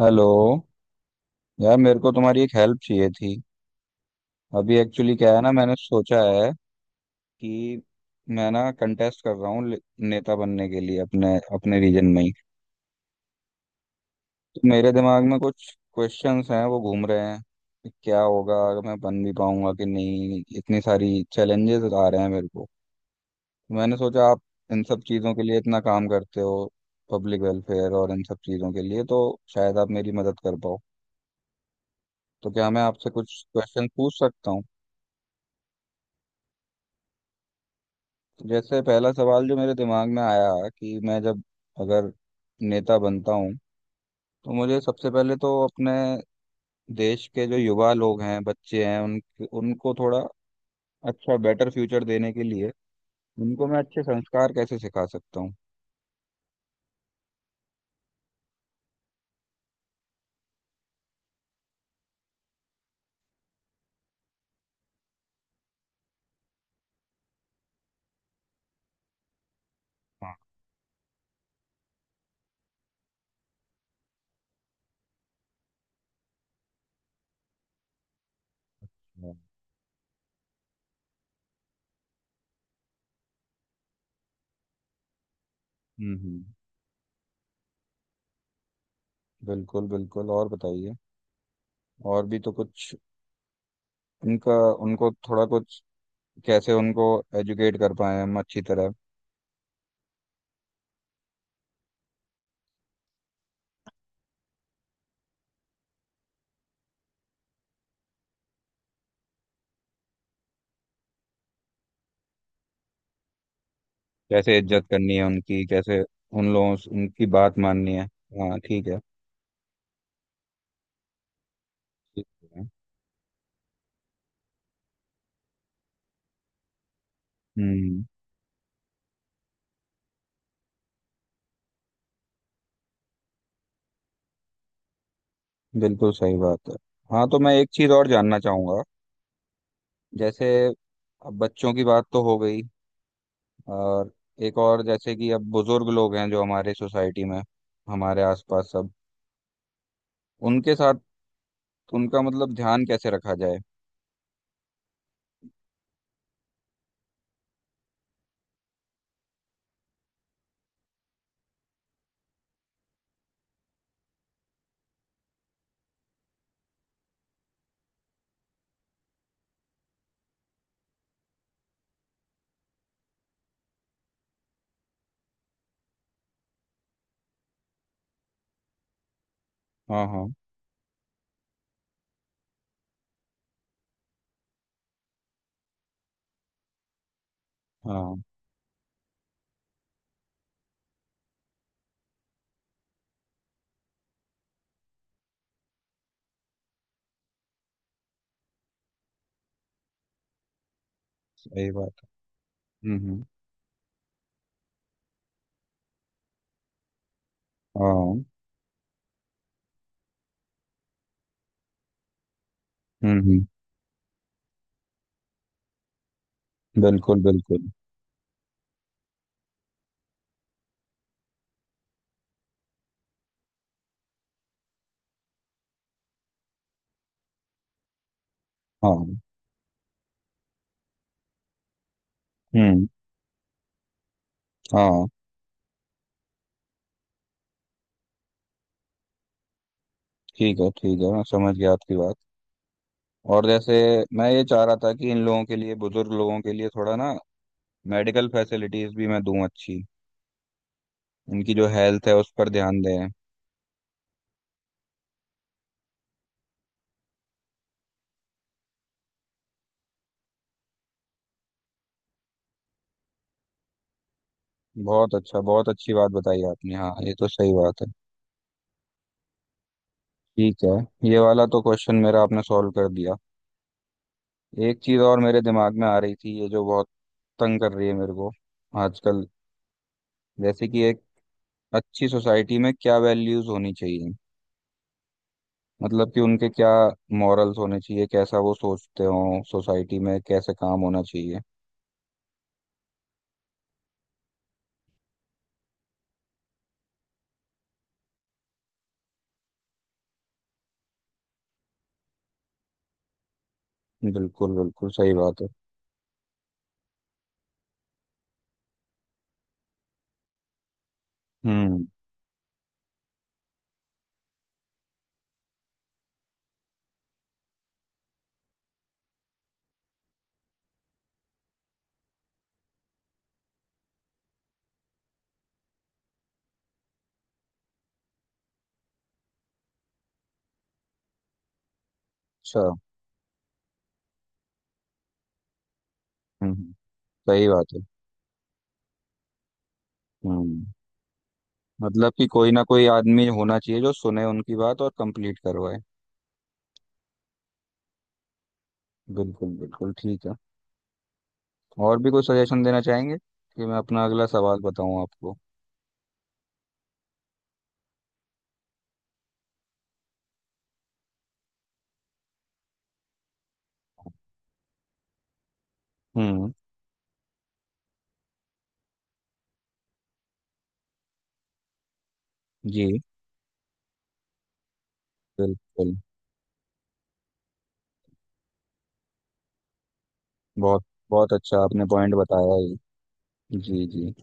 Hello. यार मेरे को तुम्हारी एक हेल्प चाहिए थी। अभी एक्चुअली क्या है ना, मैंने सोचा है कि मैं ना कंटेस्ट कर रहा हूँ नेता बनने के लिए, अपने अपने रीजन में ही। तो मेरे दिमाग में कुछ क्वेश्चंस हैं, वो घूम रहे हैं कि क्या होगा, अगर मैं बन भी पाऊंगा कि नहीं, इतनी सारी चैलेंजेस आ रहे हैं मेरे को। तो मैंने सोचा आप इन सब चीज़ों के लिए इतना काम करते हो, पब्लिक वेलफेयर और इन सब चीज़ों के लिए, तो शायद आप मेरी मदद कर पाओ। तो क्या मैं आपसे कुछ क्वेश्चन पूछ सकता हूँ? जैसे पहला सवाल जो मेरे दिमाग में आया कि मैं जब, अगर नेता बनता हूँ, तो मुझे सबसे पहले तो अपने देश के जो युवा लोग हैं, बच्चे हैं, उन उनको थोड़ा अच्छा बेटर फ्यूचर देने के लिए उनको मैं अच्छे संस्कार कैसे सिखा सकता हूँ? हाँ, हाँ। हम्म, हम्म, बिल्कुल, बिल्कुल, और बताइए, और भी तो कुछ उनका, उनको थोड़ा कुछ, कैसे उनको एजुकेट कर पाए हम अच्छी तरह, कैसे इज्जत करनी है उनकी, कैसे उन लोगों से उनकी बात माननी है। हाँ, ठीक है। ठीक है। हम्म। बिल्कुल सही बात है। हाँ, तो मैं एक चीज और जानना चाहूंगा। जैसे अब बच्चों की बात तो हो गई, और एक और जैसे कि अब बुजुर्ग लोग हैं जो हमारे सोसाइटी में, हमारे आसपास सब, उनके साथ, उनका मतलब ध्यान कैसे रखा जाए? हाँ, हाँ। हाँ, सही बात। हम्म, हम्म, हाँ। हम्म, हम्म, बिल्कुल, बिल्कुल, हाँ। हम्म। हाँ, ठीक है। ठीक है, मैं समझ गया आपकी बात। और जैसे मैं ये चाह रहा था कि इन लोगों के लिए, बुजुर्ग लोगों के लिए, थोड़ा ना मेडिकल फैसिलिटीज भी मैं दूं अच्छी, उनकी जो हेल्थ है उस पर ध्यान दें। बहुत अच्छा, बहुत अच्छी बात बताई आपने। हाँ, ये तो सही बात है। ठीक है, ये वाला तो क्वेश्चन मेरा आपने सॉल्व कर दिया। एक चीज़ और मेरे दिमाग में आ रही थी, ये जो बहुत तंग कर रही है मेरे को आजकल, जैसे कि एक अच्छी सोसाइटी में क्या वैल्यूज होनी चाहिए? मतलब कि उनके क्या मॉरल्स होने चाहिए, कैसा वो सोचते हो, सोसाइटी में कैसे काम होना चाहिए? बिल्कुल, बिल्कुल, सही बात है। हम्म। अच्छा। हम्म, हम्म, सही बात है। हम्म। मतलब कि कोई ना कोई आदमी होना चाहिए जो सुने उनकी बात और कंप्लीट करवाए। बिल्कुल, बिल्कुल, ठीक है। और भी कोई सजेशन देना चाहेंगे, कि मैं अपना अगला सवाल बताऊं आपको? हम्म। जी। बिल्कुल। बहुत, बहुत अच्छा आपने पॉइंट बताया ये। जी, जी।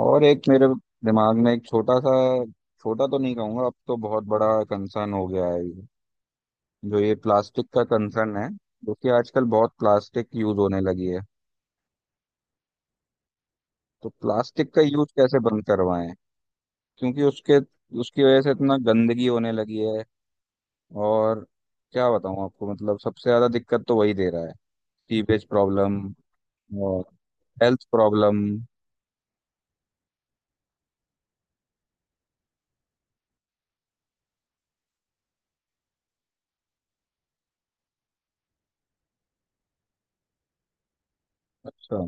और एक मेरे दिमाग में एक छोटा सा, छोटा तो नहीं कहूंगा, अब तो बहुत बड़ा कंसर्न हो गया है ये, जो ये प्लास्टिक का कंसर्न है। क्योंकि आजकल बहुत प्लास्टिक यूज होने लगी है, तो प्लास्टिक का यूज कैसे बंद करवाएं? क्योंकि उसके, उसकी वजह से इतना गंदगी होने लगी है। और क्या बताऊं आपको, मतलब सबसे ज्यादा दिक्कत तो वही दे रहा है। सीवेज प्रॉब्लम, और हेल्थ प्रॉब्लम। अच्छा।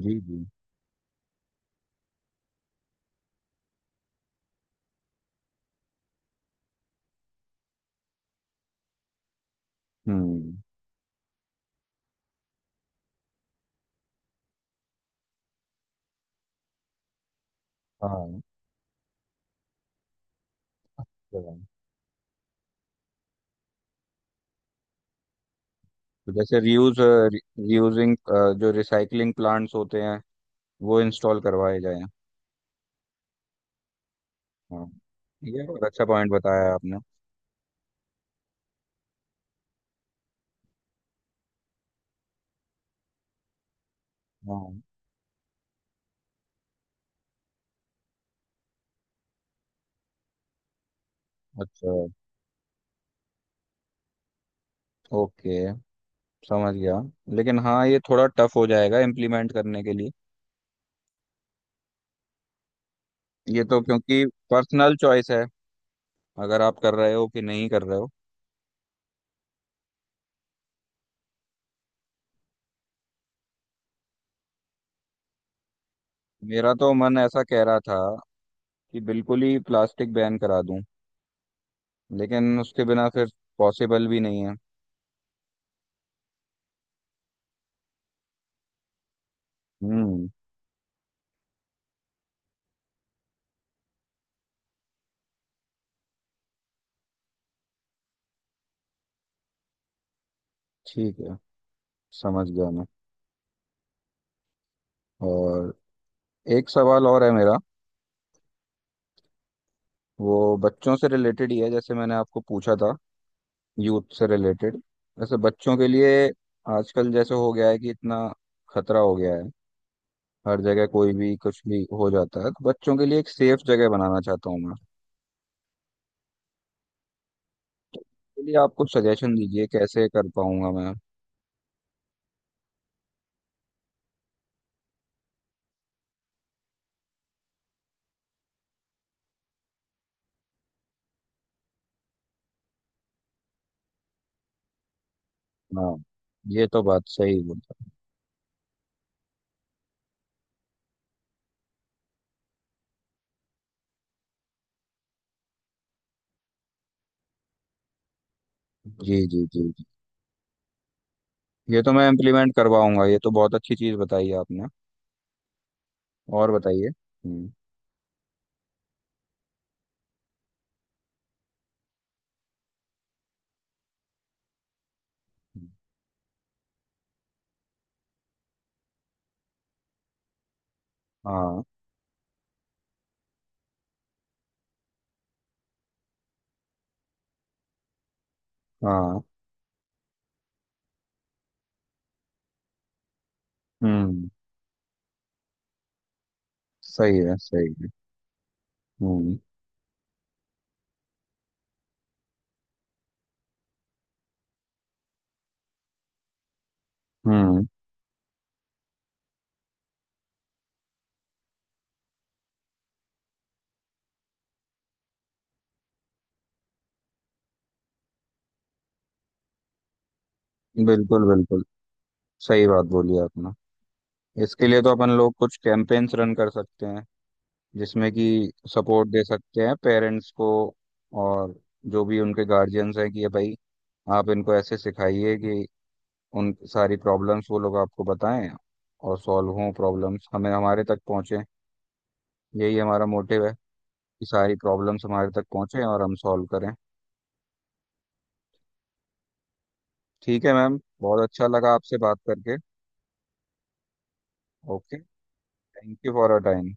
जी, जी। हम्म। हाँ, जगह। तो जैसे रीयूज, रीयूजिंग, जो रिसाइकलिंग प्लांट्स होते हैं वो इंस्टॉल करवाए जाएं। हाँ, ये बहुत अच्छा पॉइंट बताया आपने। हाँ। अच्छा। ओके, समझ गया। लेकिन हाँ, ये थोड़ा टफ हो जाएगा इम्प्लीमेंट करने के लिए। ये तो, क्योंकि पर्सनल चॉइस है, अगर आप कर रहे हो कि नहीं कर रहे हो। मेरा तो मन ऐसा कह रहा था कि बिल्कुल ही प्लास्टिक बैन करा दूं, लेकिन उसके बिना फिर पॉसिबल भी नहीं है। हम्म। ठीक है, समझ गया मैं। और एक सवाल और है मेरा। वो बच्चों से रिलेटेड ही है, जैसे मैंने आपको पूछा था, यूथ से रिलेटेड। जैसे बच्चों के लिए आजकल जैसे हो गया है कि इतना खतरा हो गया है, हर जगह कोई भी कुछ भी हो जाता है, तो बच्चों के लिए एक सेफ जगह बनाना चाहता हूँ मैं। लिए आप कुछ सजेशन दीजिए कैसे कर पाऊंगा मैं। हाँ, ये तो बात सही बोला। जी जी, जी जी। ये तो मैं इम्प्लीमेंट करवाऊंगा, ये तो बहुत अच्छी चीज़ बताई आपने। और बताइए। हम्म। हाँ, हाँ। हम्म। सही है, सही है। हम्म, हम्म, बिल्कुल, बिल्कुल, सही बात बोली आपने। इसके लिए तो अपन लोग कुछ कैंपेन्स रन कर सकते हैं, जिसमें कि सपोर्ट दे सकते हैं पेरेंट्स को, और जो भी उनके गार्जियंस हैं कि ये भाई, आप इनको ऐसे सिखाइए कि उन सारी प्रॉब्लम्स वो लोग आपको बताएं, और सॉल्व हों प्रॉब्लम्स, हमें हमारे तक पहुंचे। यही हमारा मोटिव है कि सारी प्रॉब्लम्स हमारे तक पहुंचे और हम सॉल्व करें। ठीक है मैम, बहुत अच्छा लगा आपसे बात करके। Okay, thank you for a time.